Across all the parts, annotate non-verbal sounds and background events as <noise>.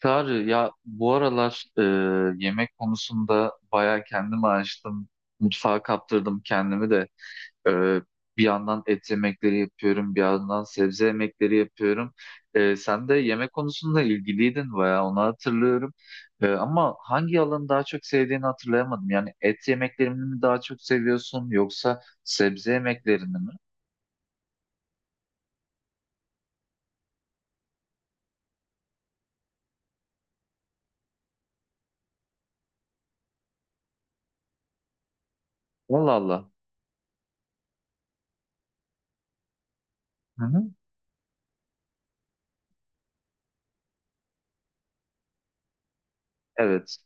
Tarık ya bu aralar yemek konusunda bayağı kendimi açtım. Mutfağa kaptırdım kendimi de. E, Bir yandan et yemekleri yapıyorum, bir yandan sebze yemekleri yapıyorum. Sen de yemek konusunda ilgiliydin bayağı, onu hatırlıyorum. Ama hangi alanı daha çok sevdiğini hatırlayamadım. Yani et yemeklerini mi daha çok seviyorsun yoksa sebze yemeklerini mi? Allah Allah. Hı hı. Evet.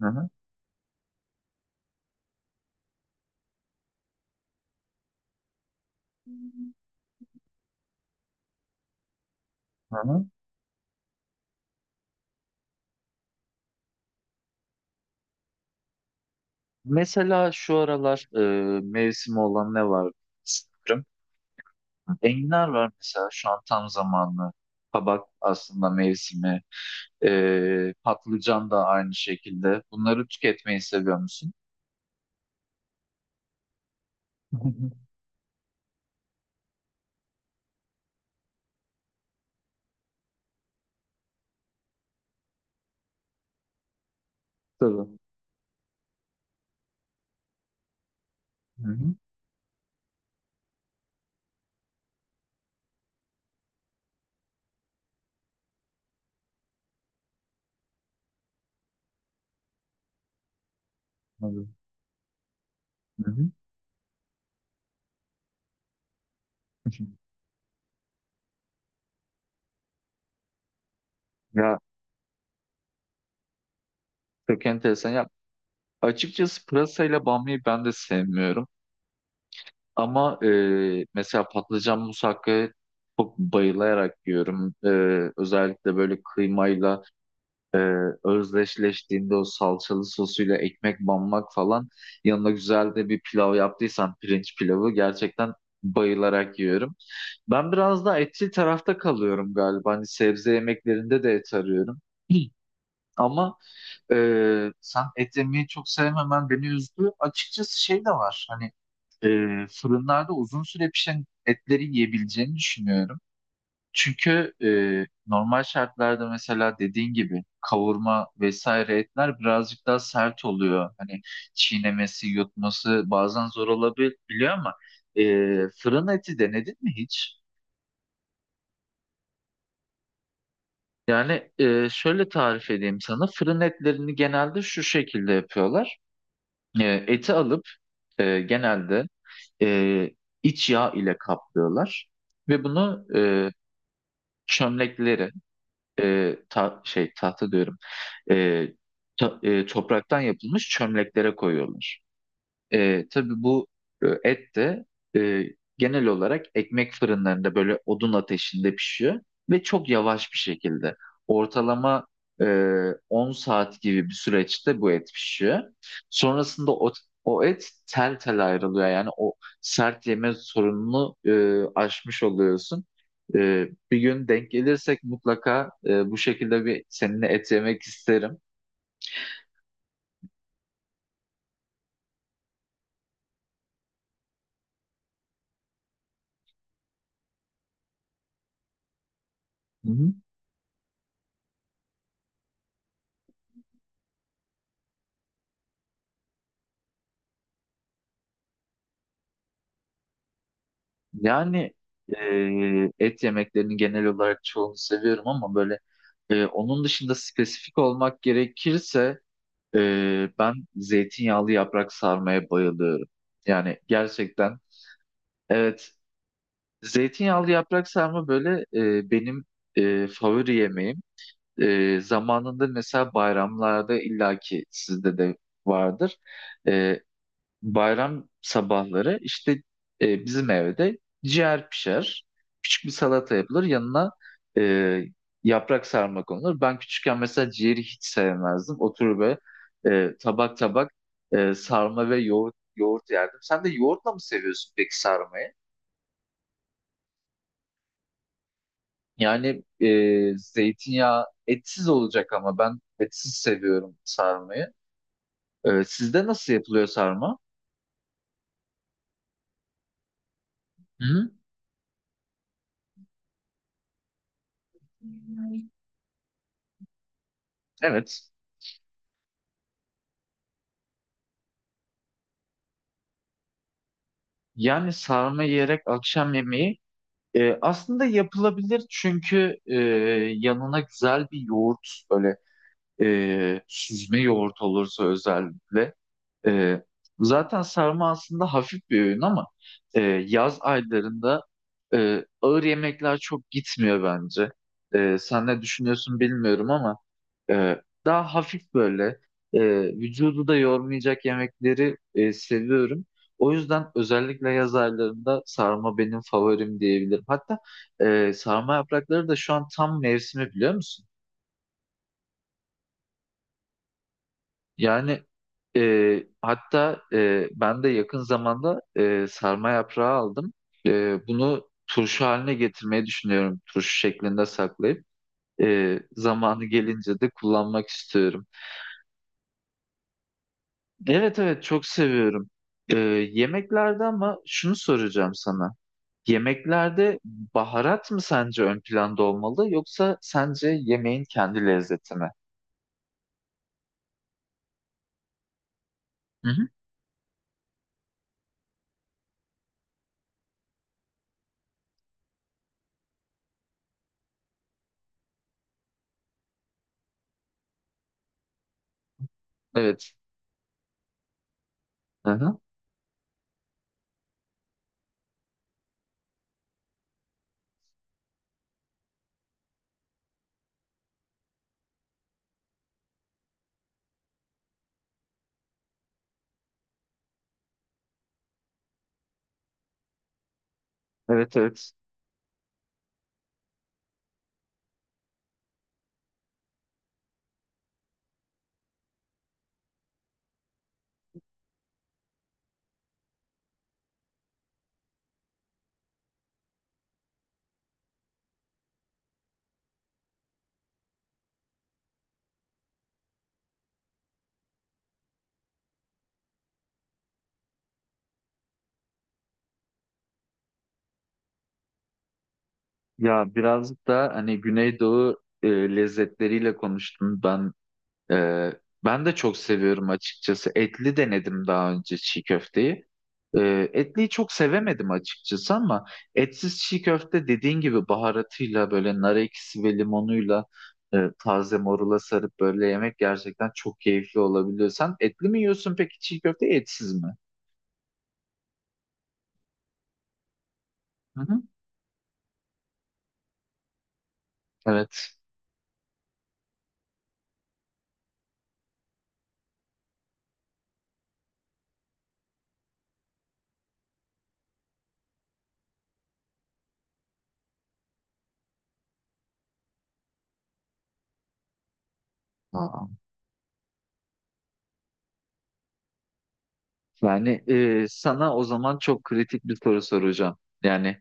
Hı hı. Hı hı. Mesela şu aralar mevsimi olan ne var? Sanırım. Enginar var mesela, şu an tam zamanlı. Kabak aslında mevsimi. Patlıcan da aynı şekilde. Bunları tüketmeyi seviyor musun? <laughs> Hı hı. Tabii. Hı hı. Tabii. Hı hı. <laughs> Ya çok enteresan. Ya, açıkçası pırasayla bamyayı ben de sevmiyorum. Ama mesela patlıcan musakkayı çok bayılarak yiyorum. Özellikle böyle kıymayla özdeşleştiğinde, o salçalı sosuyla ekmek banmak falan, yanına güzel de bir pilav yaptıysan, pirinç pilavı, gerçekten bayılarak yiyorum. Ben biraz daha etçil tarafta kalıyorum galiba. Hani sebze yemeklerinde de et arıyorum. <clears throat> Hı. Ama e, sen et yemeyi çok sevmemen beni üzdü. Açıkçası şey de var. Hani e, fırınlarda uzun süre pişen etleri yiyebileceğini düşünüyorum. Çünkü normal şartlarda mesela dediğin gibi kavurma vesaire etler birazcık daha sert oluyor. Hani çiğnemesi, yutması bazen zor olabiliyor ama e, fırın eti denedin mi hiç? Yani şöyle tarif edeyim sana. Fırın etlerini genelde şu şekilde yapıyorlar. Eti alıp genelde e, iç yağ ile kaplıyorlar ve bunu çömlekleri, şey, tahta diyorum, e, topraktan yapılmış çömleklere koyuyorlar. Tabii bu et de e, genel olarak ekmek fırınlarında böyle odun ateşinde pişiyor ve çok yavaş bir şekilde. Ortalama e, 10 saat gibi bir süreçte bu et pişiyor. Sonrasında o, o et tel tel ayrılıyor. Yani o sert yeme sorununu aşmış oluyorsun. Bir gün denk gelirsek mutlaka bu şekilde bir seninle et yemek isterim. Hı hı. Yani et yemeklerinin genel olarak çoğunu seviyorum ama böyle onun dışında spesifik olmak gerekirse ben zeytinyağlı yaprak sarmaya bayılıyorum. Yani gerçekten, evet, zeytinyağlı yaprak sarma böyle benim favori yemeğim. Zamanında mesela bayramlarda illaki sizde de vardır. E, Bayram sabahları işte bizim evde ciğer pişer. Küçük bir salata yapılır. Yanına e, yaprak sarma konulur. Ben küçükken mesela ciğeri hiç sevmezdim. Oturur ve tabak tabak sarma ve yoğurt yerdim. Sen de yoğurtla mı seviyorsun peki sarmayı? Yani zeytinyağı etsiz olacak ama ben etsiz seviyorum sarmayı. Sizde nasıl yapılıyor sarma? Hı-hı. Evet. Yani sarma yiyerek akşam yemeği, aslında yapılabilir çünkü yanına güzel bir yoğurt, böyle süzme yoğurt olursa özellikle, ee, zaten sarma aslında hafif bir öğün ama e, yaz aylarında ağır yemekler çok gitmiyor bence. Sen ne düşünüyorsun bilmiyorum ama daha hafif böyle e, vücudu da yormayacak yemekleri seviyorum. O yüzden özellikle yaz aylarında sarma benim favorim diyebilirim. Hatta sarma yaprakları da şu an tam mevsimi, biliyor musun? Yani hatta ben de yakın zamanda sarma yaprağı aldım. Bunu turşu haline getirmeyi düşünüyorum. Turşu şeklinde saklayıp zamanı gelince de kullanmak istiyorum. Evet, evet, çok seviyorum. E, Yemeklerde, ama şunu soracağım sana. Yemeklerde baharat mı sence ön planda olmalı yoksa sence yemeğin kendi lezzeti mi? Hı hı. Evet. Hı hı. Evet, evet. Ya birazcık da hani Güneydoğu lezzetleriyle konuştum ben. E, Ben de çok seviyorum açıkçası. Etli denedim daha önce çiğ köfteyi. Etliyi çok sevemedim açıkçası ama etsiz çiğ köfte, dediğin gibi, baharatıyla, böyle nar ekşisi ve limonuyla taze morula sarıp böyle yemek gerçekten çok keyifli olabiliyor. Sen etli mi yiyorsun peki çiğ köfte, etsiz mi? Hı hı. Evet. Aa. Yani sana o zaman çok kritik bir soru soracağım. Yani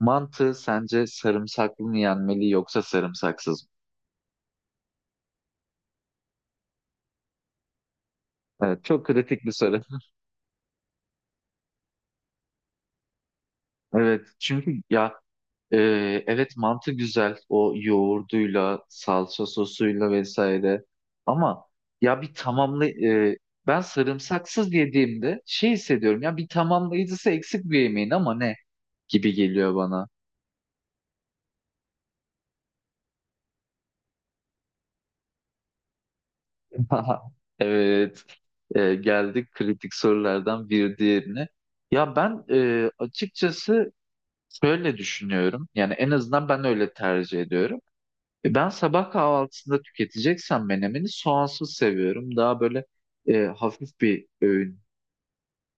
mantı sence sarımsaklı mı yenmeli yoksa sarımsaksız mı? Evet, çok kritik bir soru. <laughs> Evet, çünkü ya e, evet, mantı güzel o yoğurduyla, salça sosuyla vesaire. Ama ya bir tamamlı, ben sarımsaksız yediğimde şey hissediyorum, ya bir tamamlayıcısı eksik bir yemeğin ama, ne gibi geliyor bana. <laughs> Haha, evet, geldik kritik sorulardan bir diğerine. Ya ben açıkçası şöyle düşünüyorum. Yani en azından ben öyle tercih ediyorum. Ben sabah kahvaltısında tüketeceksem menemeni soğansız seviyorum. Daha böyle hafif bir öğün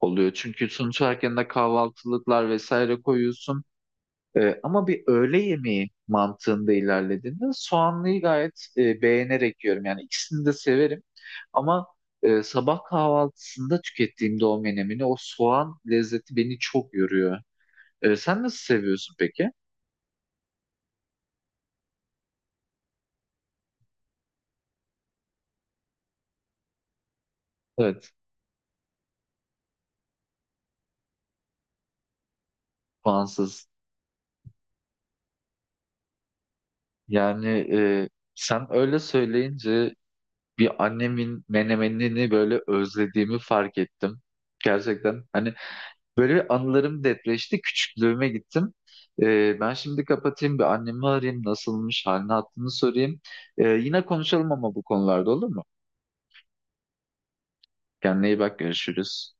oluyor. Çünkü sonuç olarak yanına kahvaltılıklar vesaire koyuyorsun. Ama bir öğle yemeği mantığında ilerlediğinde soğanlıyı gayet beğenerek yiyorum. Yani ikisini de severim. Ama sabah kahvaltısında tükettiğimde o menemini, o soğan lezzeti beni çok yoruyor. Sen nasıl seviyorsun peki? Evet, soğansız. Yani e, sen öyle söyleyince bir annemin menemenini böyle özlediğimi fark ettim. Gerçekten, hani böyle bir anılarım depreşti. Küçüklüğüme gittim. Ben şimdi kapatayım, bir annemi arayayım. Nasılmış, halini hattını sorayım. Yine konuşalım ama bu konularda, olur mu? Kendine iyi bak, görüşürüz.